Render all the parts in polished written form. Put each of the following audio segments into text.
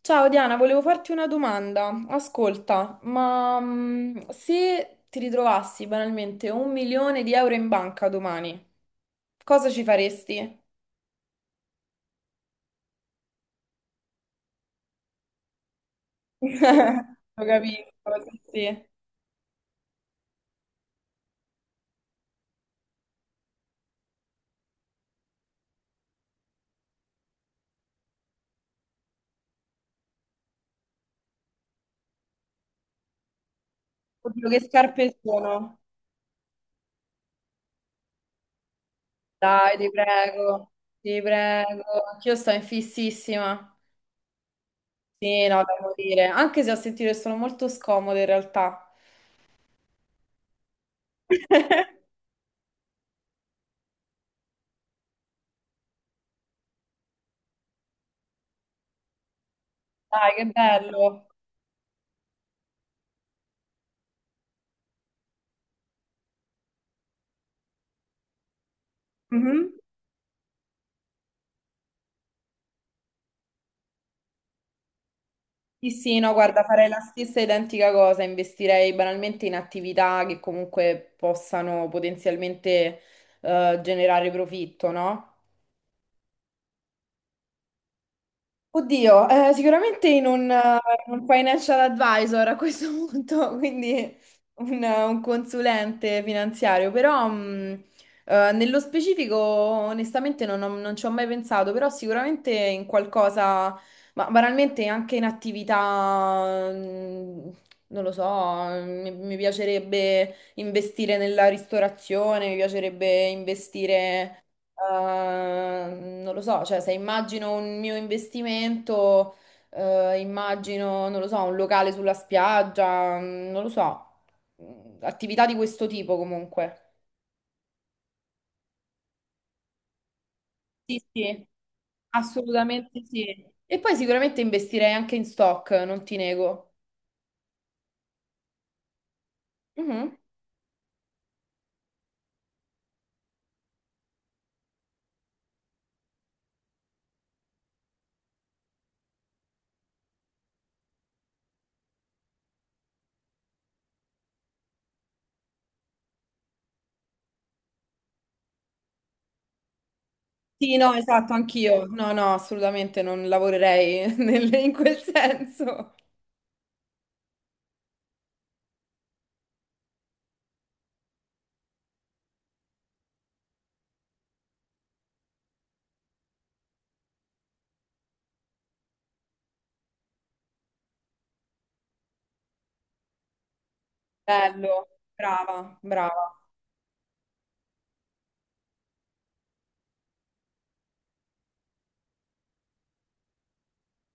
Ciao Diana, volevo farti una domanda. Ascolta, se ti ritrovassi banalmente un milione di euro in banca domani, cosa ci faresti? Lo capisco, sì, sì. Oddio, che scarpe sono? Dai, ti prego, ti prego. Anch'io sto in fississima. Sì, no, da morire. Anche se ho sentito che sono molto scomode in realtà. Dai, che bello. Mhm. Sì, sì, no, guarda, farei la stessa identica cosa, investirei banalmente in attività che comunque possano potenzialmente generare profitto, no? Oddio, sicuramente in un, in un financial advisor a questo punto, quindi un, un consulente finanziario, però, nello specifico onestamente non ci ho mai pensato, però sicuramente in qualcosa, ma banalmente anche in attività, non lo so, mi piacerebbe investire nella ristorazione, mi piacerebbe investire. Non lo so, cioè se immagino un mio investimento, immagino, non lo so, un locale sulla spiaggia, non lo so. Mm, attività di questo tipo comunque. Sì, sì, assolutamente sì. E poi sicuramente investirei anche in stock, non ti nego. Mhm. Sì, no, esatto, anch'io. No, no, assolutamente non lavorerei in quel senso. Bello, brava, brava.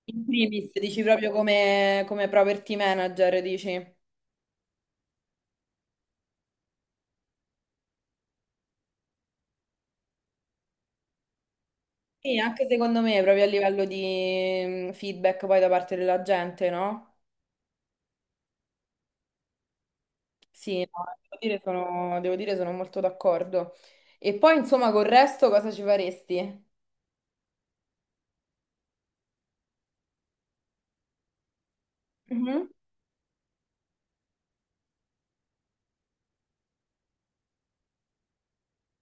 In primis, dici proprio come, come property manager, dici? Sì, anche secondo me, proprio a livello di feedback poi da parte della gente, no? Sì, no, devo dire sono molto d'accordo. E poi, insomma, col resto cosa ci faresti? Mhm.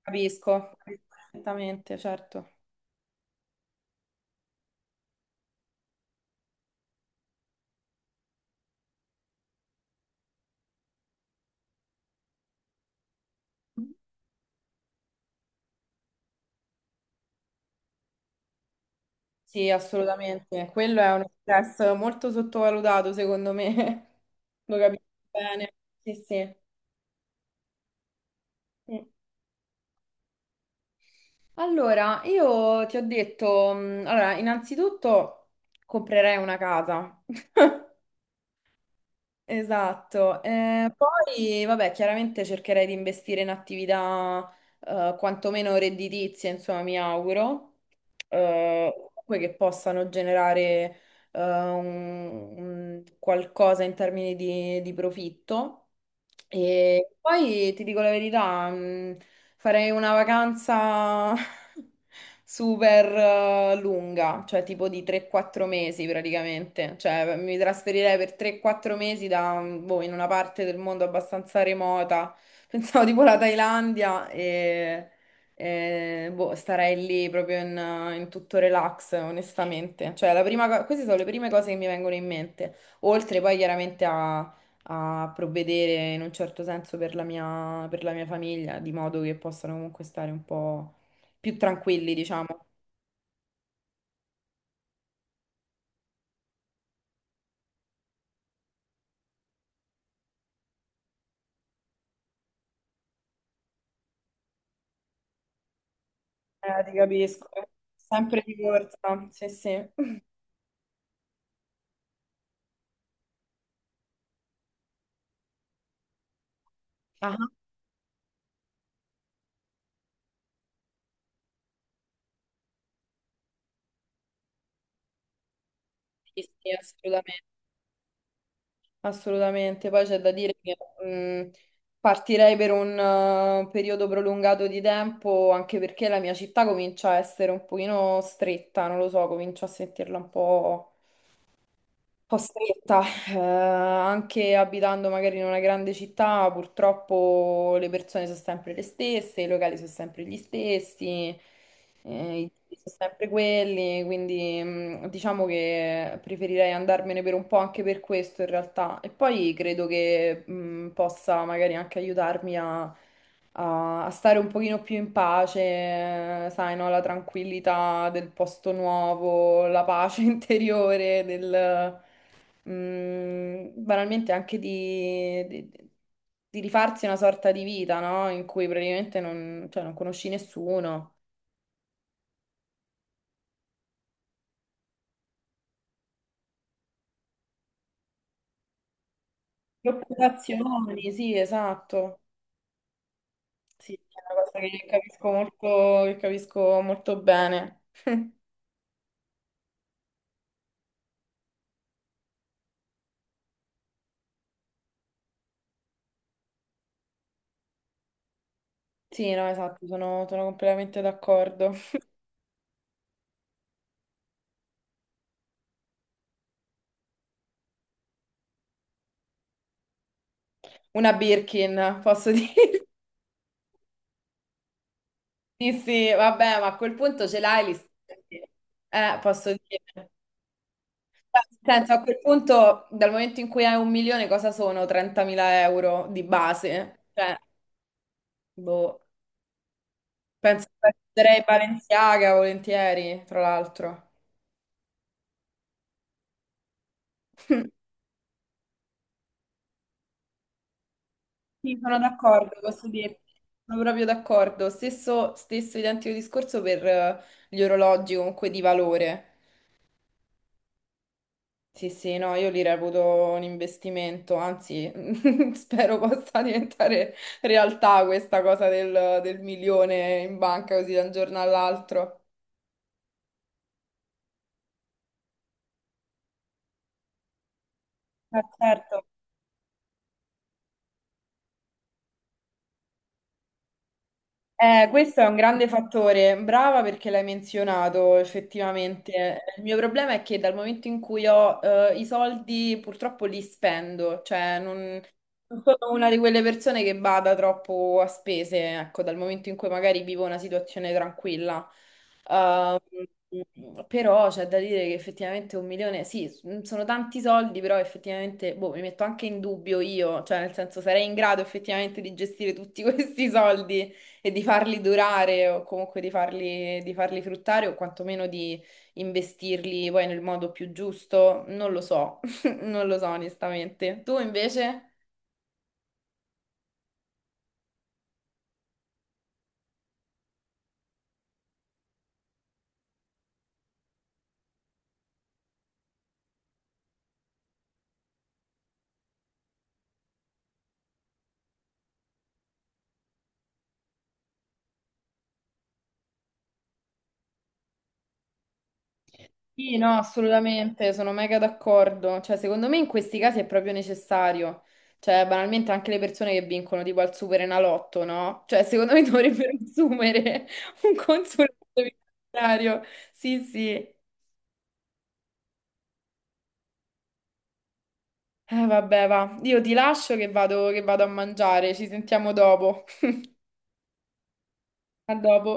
Capisco, capisco perfettamente, certo. Sì, assolutamente. Quello è uno stress molto sottovalutato, secondo me. Lo capisco bene. Sì, sì. Allora, io ti ho detto, allora, innanzitutto comprerei una casa. Esatto. Poi, vabbè, chiaramente cercherei di investire in attività quantomeno redditizie, insomma, mi auguro, comunque che possano generare un qualcosa in termini di profitto. E poi ti dico la verità. Farei una vacanza super lunga, cioè tipo di 3-4 mesi praticamente. Cioè mi trasferirei per 3-4 mesi da, boh, in una parte del mondo abbastanza remota. Pensavo tipo la Thailandia e, boh, starei lì proprio in tutto relax, onestamente. Cioè la queste sono le prime cose che mi vengono in mente. Oltre poi chiaramente a provvedere in un certo senso per la mia famiglia, di modo che possano comunque stare un po' più tranquilli, diciamo. Ti capisco. Sempre di corsa, sì, sì. Ah, sì, sì, assolutamente. Assolutamente. Poi c'è da dire che mh, partirei per un periodo prolungato di tempo, anche perché la mia città comincia a essere un pochino stretta, non lo so, comincio a sentirla un po'. Costretta, anche abitando magari in una grande città, purtroppo le persone sono sempre le stesse, i locali sono sempre gli stessi, i tipi sono sempre quelli, quindi, diciamo che preferirei andarmene per un po' anche per questo in realtà. E poi credo che possa magari anche aiutarmi a stare un pochino più in pace, sai, no? La tranquillità del posto nuovo, la pace interiore, banalmente anche di rifarsi una sorta di vita, no? In cui praticamente non, cioè, non conosci nessuno. Preoccupazioni, sì, esatto. Sì, è una cosa che capisco molto bene. Sì, no, esatto, sono, sono completamente d'accordo. Una Birkin, posso dire. Sì, sì, vabbè, ma a quel punto ce l'hai lì. Posso dire. Beh, nel senso, a quel punto, dal momento in cui hai un milione, cosa sono 30.000 euro di base? Cioè, boh, penso che prenderei Balenciaga volentieri, tra l'altro. Sì, sono d'accordo, posso dirti. Sono proprio d'accordo. Stesso, stesso identico discorso per gli orologi comunque di valore. Sì, sì, no, io li reputo un investimento, anzi, spero possa diventare realtà questa cosa del, del milione in banca così da un giorno all'altro. Ma certo. Questo è un grande fattore, brava perché l'hai menzionato effettivamente. Il mio problema è che dal momento in cui ho i soldi purtroppo li spendo, cioè non, non sono una di quelle persone che bada troppo a spese, ecco, dal momento in cui magari vivo una situazione tranquilla. Ehm, Però c'è da dire che effettivamente un milione, sì, sono tanti soldi, però effettivamente boh, mi metto anche in dubbio io, cioè nel senso sarei in grado effettivamente di gestire tutti questi soldi. E di farli durare o comunque di farli fruttare o quantomeno di investirli poi nel modo più giusto, non lo so, non lo so onestamente. Tu invece? Sì, no, assolutamente, sono mega d'accordo. Cioè, secondo me in questi casi è proprio necessario. Cioè, banalmente anche le persone che vincono tipo al Superenalotto, no? Cioè, secondo me dovrebbero assumere un consulente finanziario. Sì, sì. Vabbè, va. Io ti lascio che vado a mangiare, ci sentiamo dopo. A dopo.